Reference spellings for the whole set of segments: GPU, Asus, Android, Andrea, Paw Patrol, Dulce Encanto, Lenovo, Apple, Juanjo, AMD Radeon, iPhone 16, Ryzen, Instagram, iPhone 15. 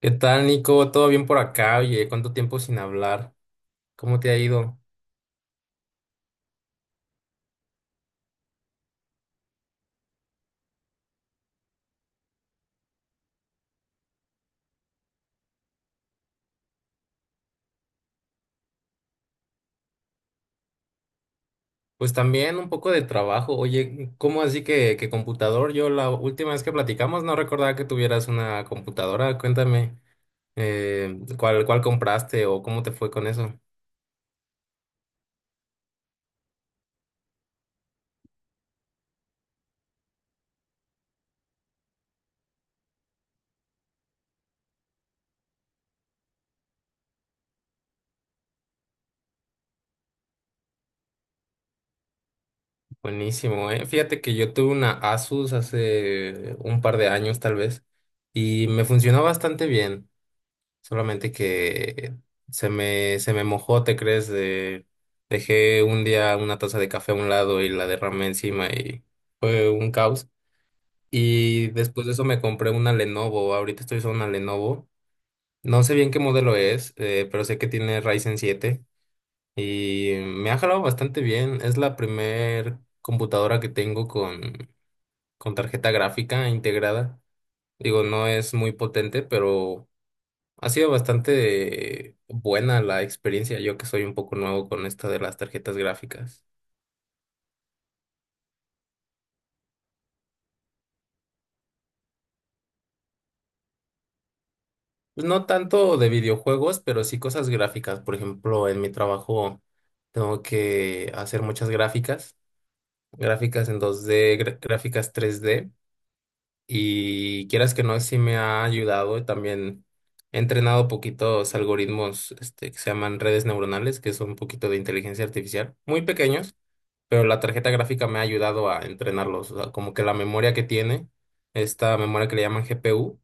¿Qué tal, Nico? ¿Todo bien por acá? Oye, ¿cuánto tiempo sin hablar? ¿Cómo te ha ido? Pues también un poco de trabajo. Oye, ¿cómo así que computador? Yo la última vez que platicamos no recordaba que tuvieras una computadora. Cuéntame, ¿cuál compraste o cómo te fue con eso? Buenísimo, ¿eh? Fíjate que yo tuve una Asus hace un par de años, tal vez, y me funcionó bastante bien. Solamente que se me mojó, ¿te crees? Dejé un día una taza de café a un lado y la derramé encima y fue un caos. Y después de eso me compré una Lenovo. Ahorita estoy usando una Lenovo. No sé bien qué modelo es, pero sé que tiene Ryzen siete y me ha jalado bastante bien. Es la primer computadora que tengo con tarjeta gráfica integrada. Digo, no es muy potente, pero ha sido bastante buena la experiencia, yo que soy un poco nuevo con esto de las tarjetas gráficas. Pues no tanto de videojuegos, pero sí cosas gráficas. Por ejemplo, en mi trabajo tengo que hacer muchas gráficas, gráficas en dos d gráficas tres d y quieras que no, sí me ha ayudado. También he entrenado poquitos algoritmos, este, que se llaman redes neuronales, que son un poquito de inteligencia artificial, muy pequeños, pero la tarjeta gráfica me ha ayudado a entrenarlos. O sea, como que la memoria que tiene, esta memoria que le llaman GPU,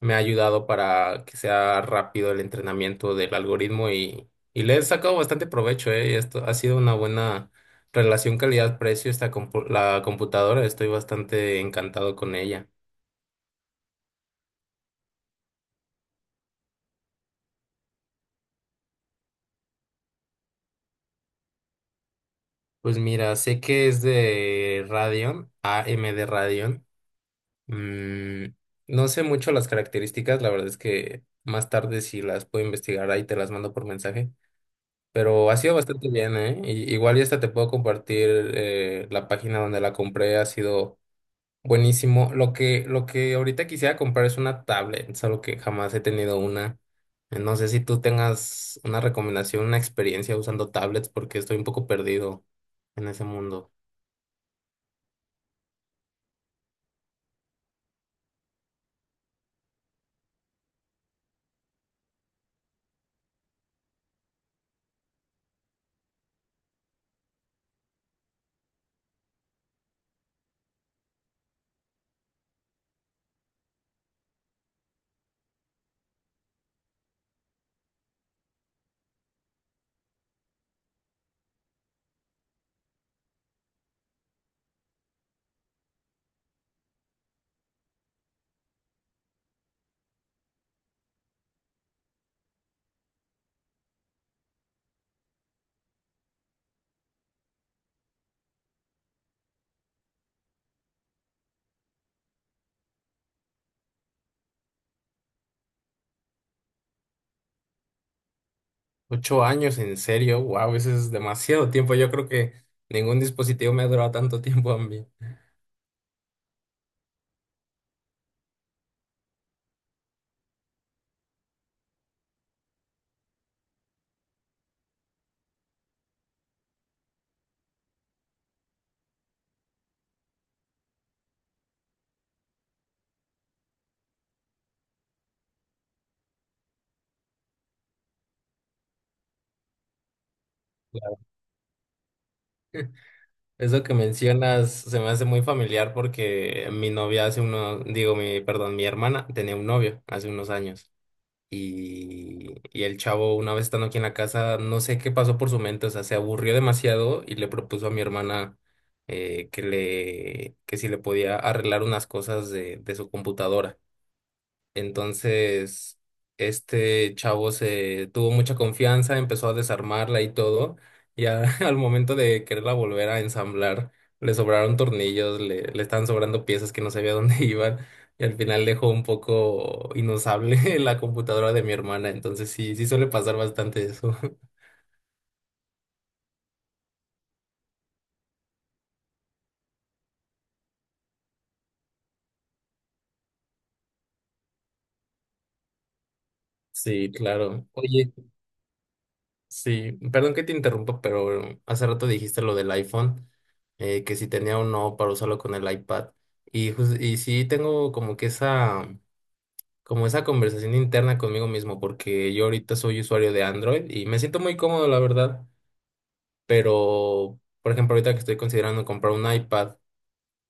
me ha ayudado para que sea rápido el entrenamiento del algoritmo y le he sacado bastante provecho, ¿eh? Y esto ha sido una buena relación calidad-precio esta la computadora. Estoy bastante encantado con ella. Pues mira, sé que es de Radeon, AMD Radeon. Mm, no sé mucho las características, la verdad es que más tarde, si las puedo investigar, ahí te las mando por mensaje, pero ha sido bastante bien, ¿eh? Y- igual ya hasta te puedo compartir la página donde la compré, ha sido buenísimo. Lo que ahorita quisiera comprar es una tablet, solo que jamás he tenido una. No sé si tú tengas una recomendación, una experiencia usando tablets, porque estoy un poco perdido en ese mundo. Ocho años, en serio, wow, eso es demasiado tiempo. Yo creo que ningún dispositivo me ha durado tanto tiempo a mí. Claro. Eso que mencionas se me hace muy familiar porque mi novia hace unos, digo, mi, perdón, mi hermana tenía un novio hace unos años y el chavo una vez estando aquí en la casa, no sé qué pasó por su mente, o sea, se aburrió demasiado y le propuso a mi hermana que si le podía arreglar unas cosas de su computadora. Entonces, este chavo se tuvo mucha confianza, empezó a desarmarla y todo, y al momento de quererla volver a ensamblar, le sobraron tornillos, le estaban sobrando piezas que no sabía dónde iban, y al final dejó un poco inusable la computadora de mi hermana, entonces sí, sí suele pasar bastante eso. Sí, claro. Oye. Sí, perdón que te interrumpa, pero hace rato dijiste lo del iPhone, que si tenía o no para usarlo con el iPad. Y, y sí tengo como que esa, como esa conversación interna conmigo mismo, porque yo ahorita soy usuario de Android y me siento muy cómodo, la verdad. Pero, por ejemplo, ahorita que estoy considerando comprar un iPad,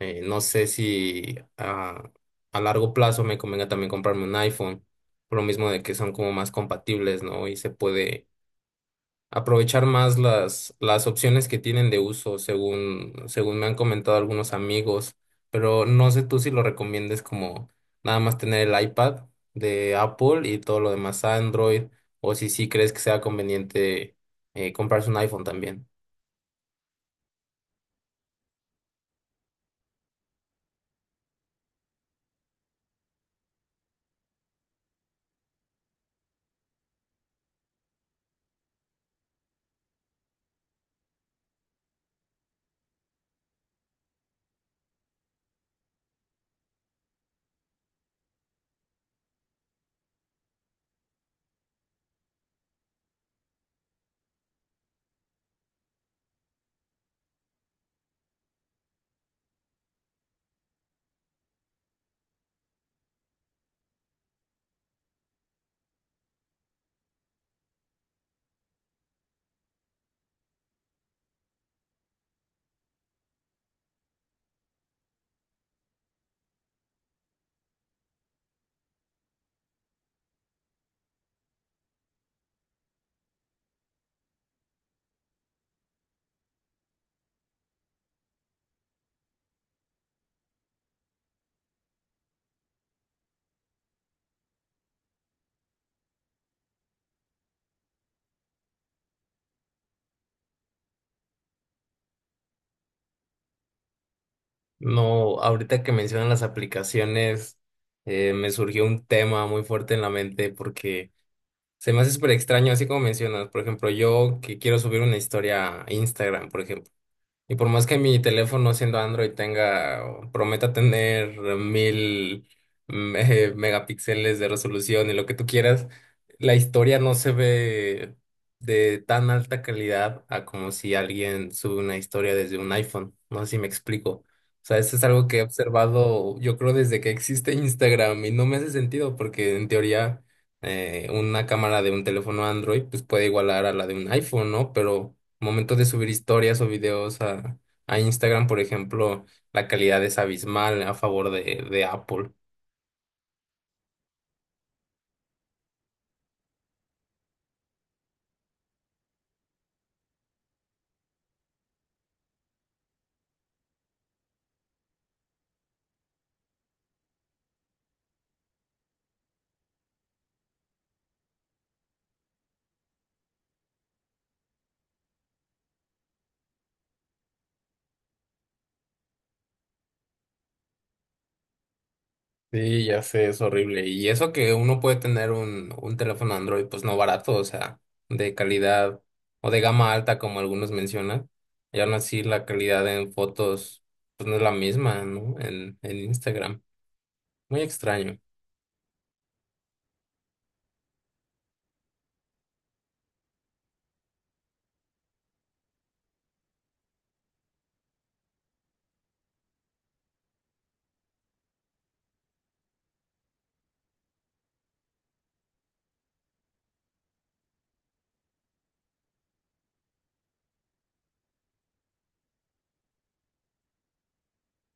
no sé si a largo plazo me convenga también comprarme un iPhone, por lo mismo de que son como más compatibles, ¿no? Y se puede aprovechar más las opciones que tienen de uso, según me han comentado algunos amigos, pero no sé tú si lo recomiendes como nada más tener el iPad de Apple y todo lo demás Android, o si sí crees que sea conveniente comprarse un iPhone también. No, ahorita que mencionan las aplicaciones, me surgió un tema muy fuerte en la mente porque se me hace súper extraño, así como mencionas. Por ejemplo, yo que quiero subir una historia a Instagram, por ejemplo. Y por más que mi teléfono siendo Android tenga, o prometa tener mil megapíxeles de resolución y lo que tú quieras, la historia no se ve de tan alta calidad a como si alguien sube una historia desde un iPhone. No sé si me explico. O sea, eso es algo que he observado, yo creo, desde que existe Instagram, y no me hace sentido porque en teoría una cámara de un teléfono Android pues puede igualar a la de un iPhone, ¿no? Pero momento de subir historias o videos a Instagram, por ejemplo, la calidad es abismal a favor de Apple. Sí, ya sé, es horrible. Y eso que uno puede tener un teléfono Android, pues no barato, o sea, de calidad o de gama alta, como algunos mencionan. Y aún así la calidad en fotos pues no es la misma, ¿no? En Instagram. Muy extraño.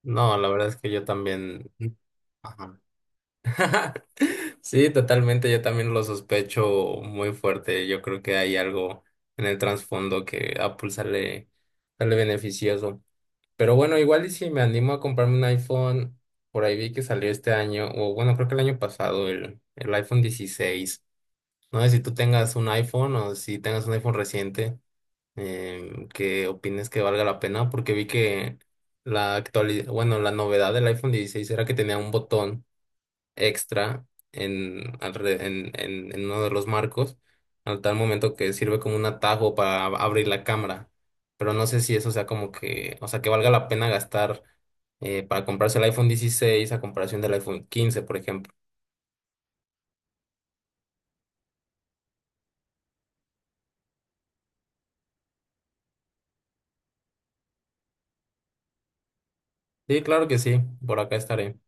No, la verdad es que yo también. Ajá. Sí, totalmente, yo también lo sospecho muy fuerte. Yo creo que hay algo en el trasfondo que Apple sale beneficioso. Pero bueno, igual y si me animo a comprarme un iPhone, por ahí vi que salió este año, o bueno, creo que el año pasado, el iPhone dieciséis. No sé si tú tengas un iPhone o si tengas un iPhone reciente, em, que opines que valga la pena, porque vi que la actualidad, bueno, la novedad del iPhone dieciséis era que tenía un botón extra en, en uno de los marcos, al tal momento que sirve como un atajo para abrir la cámara. Pero no sé si eso sea como que, o sea, que valga la pena gastar para comprarse el iPhone 16 a comparación del iPhone 15, por ejemplo. Sí, claro que sí, por acá estaré.